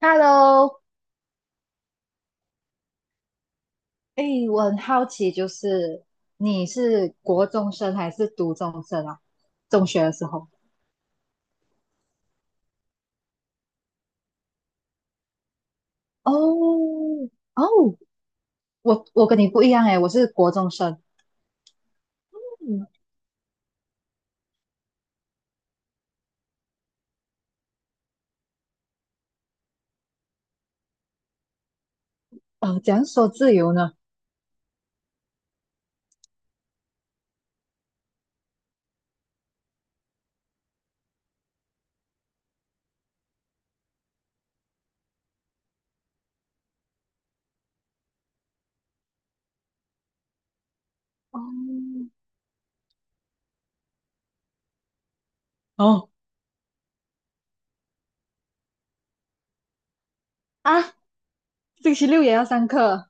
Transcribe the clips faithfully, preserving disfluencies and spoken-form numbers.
Hello，哎，我很好奇，就是你是国中生还是读中生啊？中学的时候？哦哦，我我跟你不一样哎，我是国中生。嗯，呃，怎样说自由呢？哦哦，啊，星期六也要上课。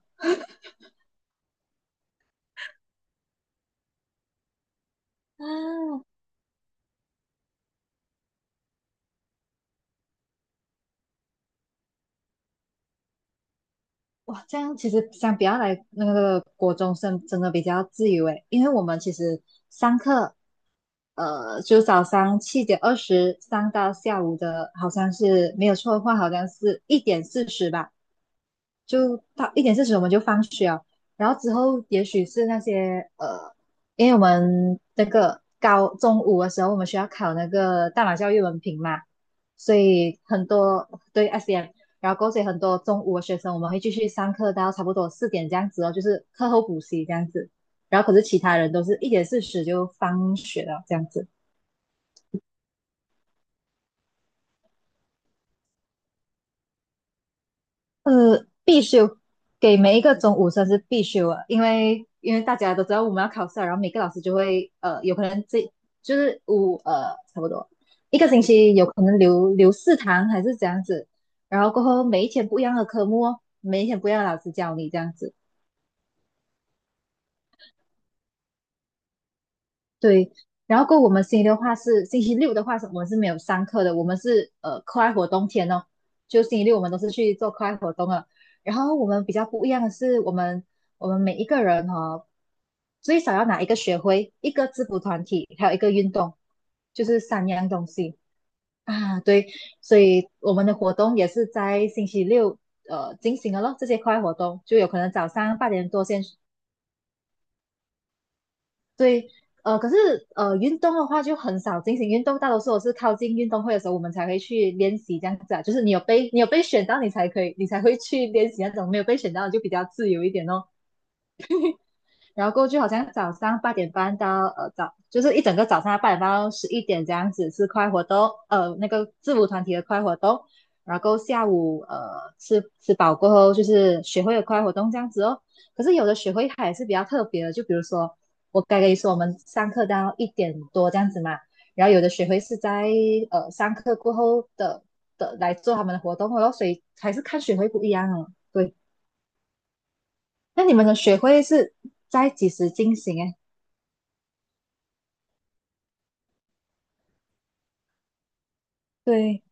啊！哇，这样其实相比较来，那个国中生真的比较自由诶。因为我们其实上课呃，就早上七点二十上到下午的，好像是没有错的话，好像是一点四十吧，就到一点四十我们就放学了。然后之后也许是那些呃，因为我们那个高中午的时候，我们需要考那个大马教育文凭嘛，所以很多对 S M，然后过后所以很多中午的学生我们会继续上课到差不多四点这样子哦，就是课后补习这样子。然后可是其他人都是一点四十就放学了这样子。呃，必修，给每一个中五生是必修啊。因为因为大家都知道我们要考试了，然后每个老师就会呃，有可能这就是五呃差不多一个星期有可能留留四堂还是这样子，然后过后每一天不一样的科目哦，每一天不一样的老师教你这样子。对，然后过后我们星期六的话是星期六的话是，我们是没有上课的，我们是呃课外活动天哦，就星期六我们都是去做课外活动了。然后我们比较不一样的是，我们我们每一个人哦，最少要拿一个学会、一个制服团体，还有一个运动，就是三样东西啊。对，所以我们的活动也是在星期六呃进行的咯，这些课外活动就有可能早上八点多先。对，呃，可是呃，运动的话就很少进行运动，大多数我是靠近运动会的时候，我们才会去练习这样子啊。就是你有被你有被选到，你才可以，你才会去练习那种；没有被选到就比较自由一点哦。然后过去好像早上八点半到呃早，就是一整个早上八点半到十一点这样子是快活动，呃那个制服团体的快活动。然后下午呃吃吃饱过后就是学会的快活动这样子哦。可是有的学会它也是比较特别的，就比如说我刚跟你说我们上课到一点多这样子嘛，然后有的学会是在呃上课过后的的来做他们的活动哦，所以还是看学会不一样哦。对，那你们的学会是在几时进行诶？对，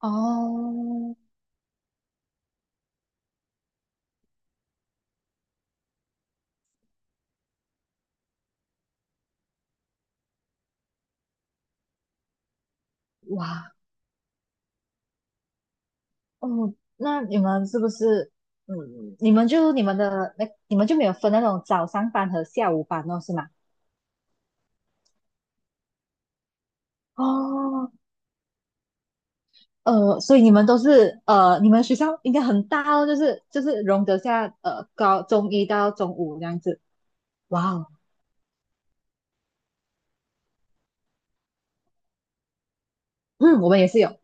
哦，哇，哦，那你们是不是，嗯，你们就你们的那，你们就没有分那种早上班和下午班哦，是吗？哦，呃，所以你们都是，呃，你们学校应该很大哦，就是就是容得下，呃，高中一到中五这样子。哇哦，嗯，我们也是有。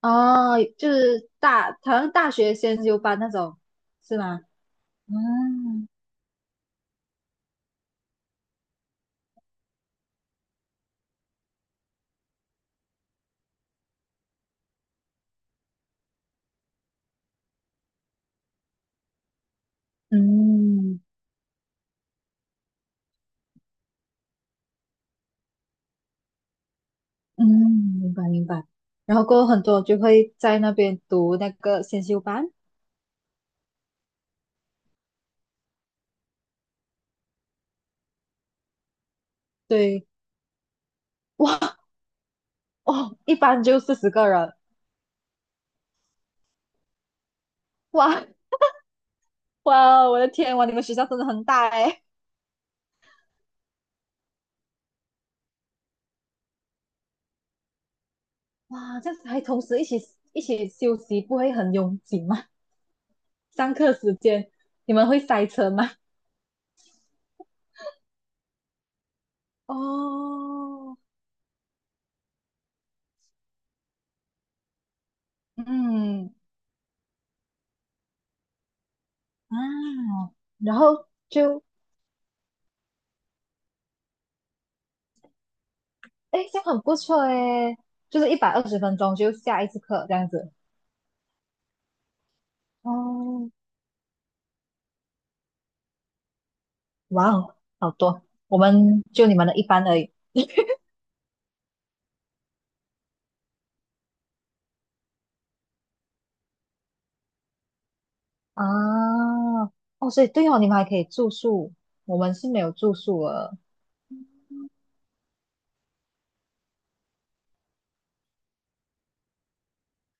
哦，就是大，好像大学先修班那种，是吗？嗯嗯。嗯，明白明白。然后过后很多就会在那边读那个先修班。对，哇哦，一班就四十个人，哇哇，我的天。哇，你们学校真的很大哎。哇，这样子还同时一起一起休息，不会很拥挤吗？上课时间你们会塞车吗？哦，嗯啊，然后就哎，诶这样很不错哎，就是一百二十分钟就下一次课这样子。哦，哇哦，好多，我们就你们的一般而已啊。哦，所以对哦，你们还可以住宿，我们是没有住宿的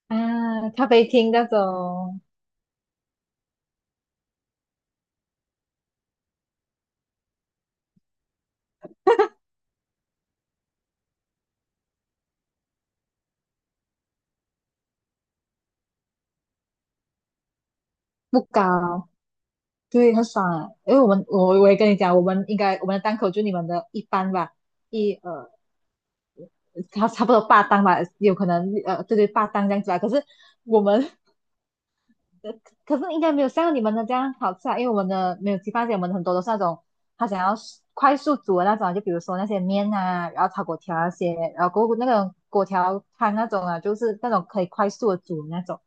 啊。咖啡厅那种不高，对，很爽。啊。因为我们我我也跟你讲，我们应该我们的档口就你们的一般吧，一呃，差差不多八档吧，有可能呃，对对，八档这样子吧。可是我们 可是应该没有像你们的这样好吃啊。因为我们的没有鸡饭蟹，我们很多都是那种他想要快速煮的那种啊，就比如说那些面啊，然后炒粿条啊那些，然后过后那种粿条汤那种啊，就是那种可以快速的煮的那种。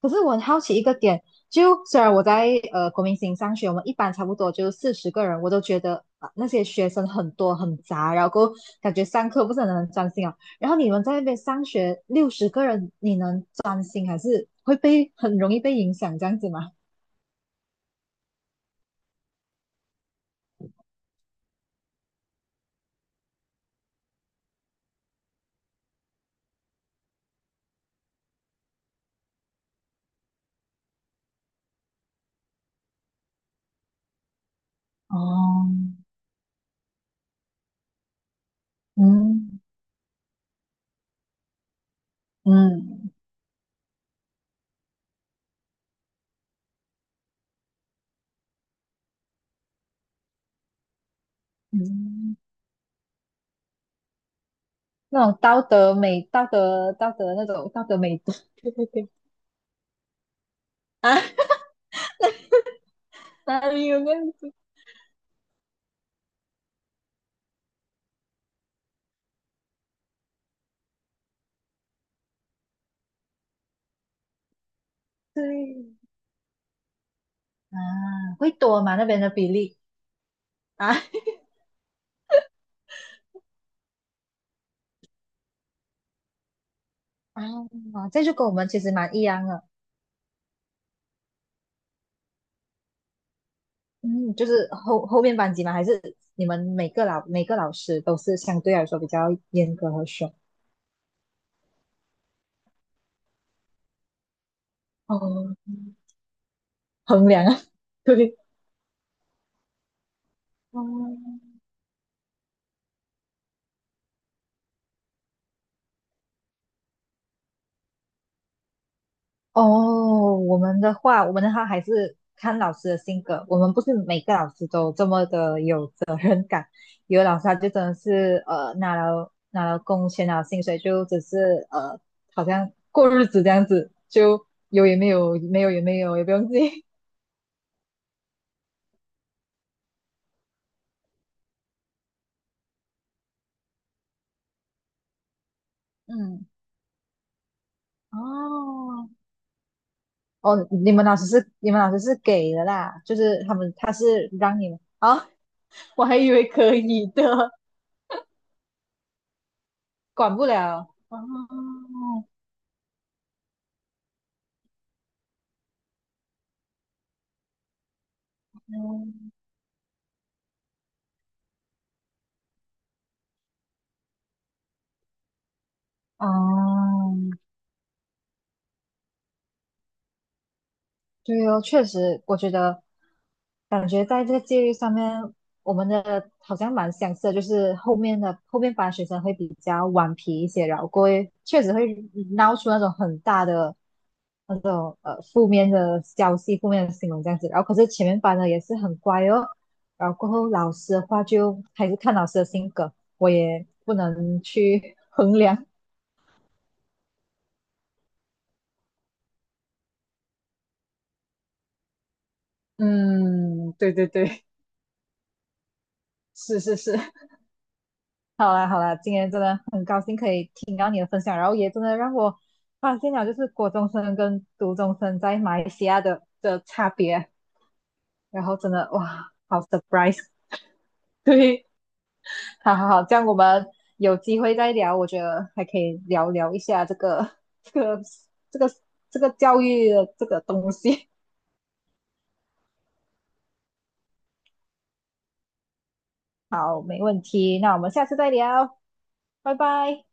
可是我很好奇一个点，就虽然我在呃国民型上学，我们一般差不多就四十个人，我都觉得、啊、那些学生很多很杂，然后感觉上课不是很能专心啊。然后你们在那边上学六十个人，你能专心还是会被很容易被影响这样子吗？哦，嗯嗯嗯，那种道德美、道德道德那种道德美德 啊，哪里有那样子？对啊，会多吗？那边的比例啊？啊，这就跟我们其实蛮一样的，嗯，就是后后面班级嘛，还是你们每个老每个老师都是相对来说比较严格和凶哦，衡量啊，对，哦，哦，我们的话，我们的话还是看老师的性格。我们不是每个老师都这么的有责任感，有的老师他就真的是呃拿了拿了工钱拿了薪水，就只是呃好像过日子这样子，就有也没有，没有也没有，也不用自己嗯。哦，哦，你们老师是你们老师是给的啦，就是他们他是让你们啊，我还以为可以的，管不了。哦，嗯哦，对哦，确实。我觉得感觉在这个戒律上面，我们的好像蛮相似的。就是后面的后面班学生会比较顽皮一些，然后过会确实会闹出那种很大的那种呃负面的消息、负面的新闻这样子。然后可是前面班的也是很乖哦，然后过后老师的话就还是看老师的性格，我也不能去 衡量。嗯，对对对，是是是，好啦好啦，今天真的很高兴可以听到你的分享，然后也真的让我发现了就是国中生跟读中生在马来西亚的的差别。然后真的哇，好 surprise！对，好好好，这样我们有机会再聊。我觉得还可以聊聊一下这个 这个这个这个教育的这个东西。好，没问题，那我们下次再聊，拜拜。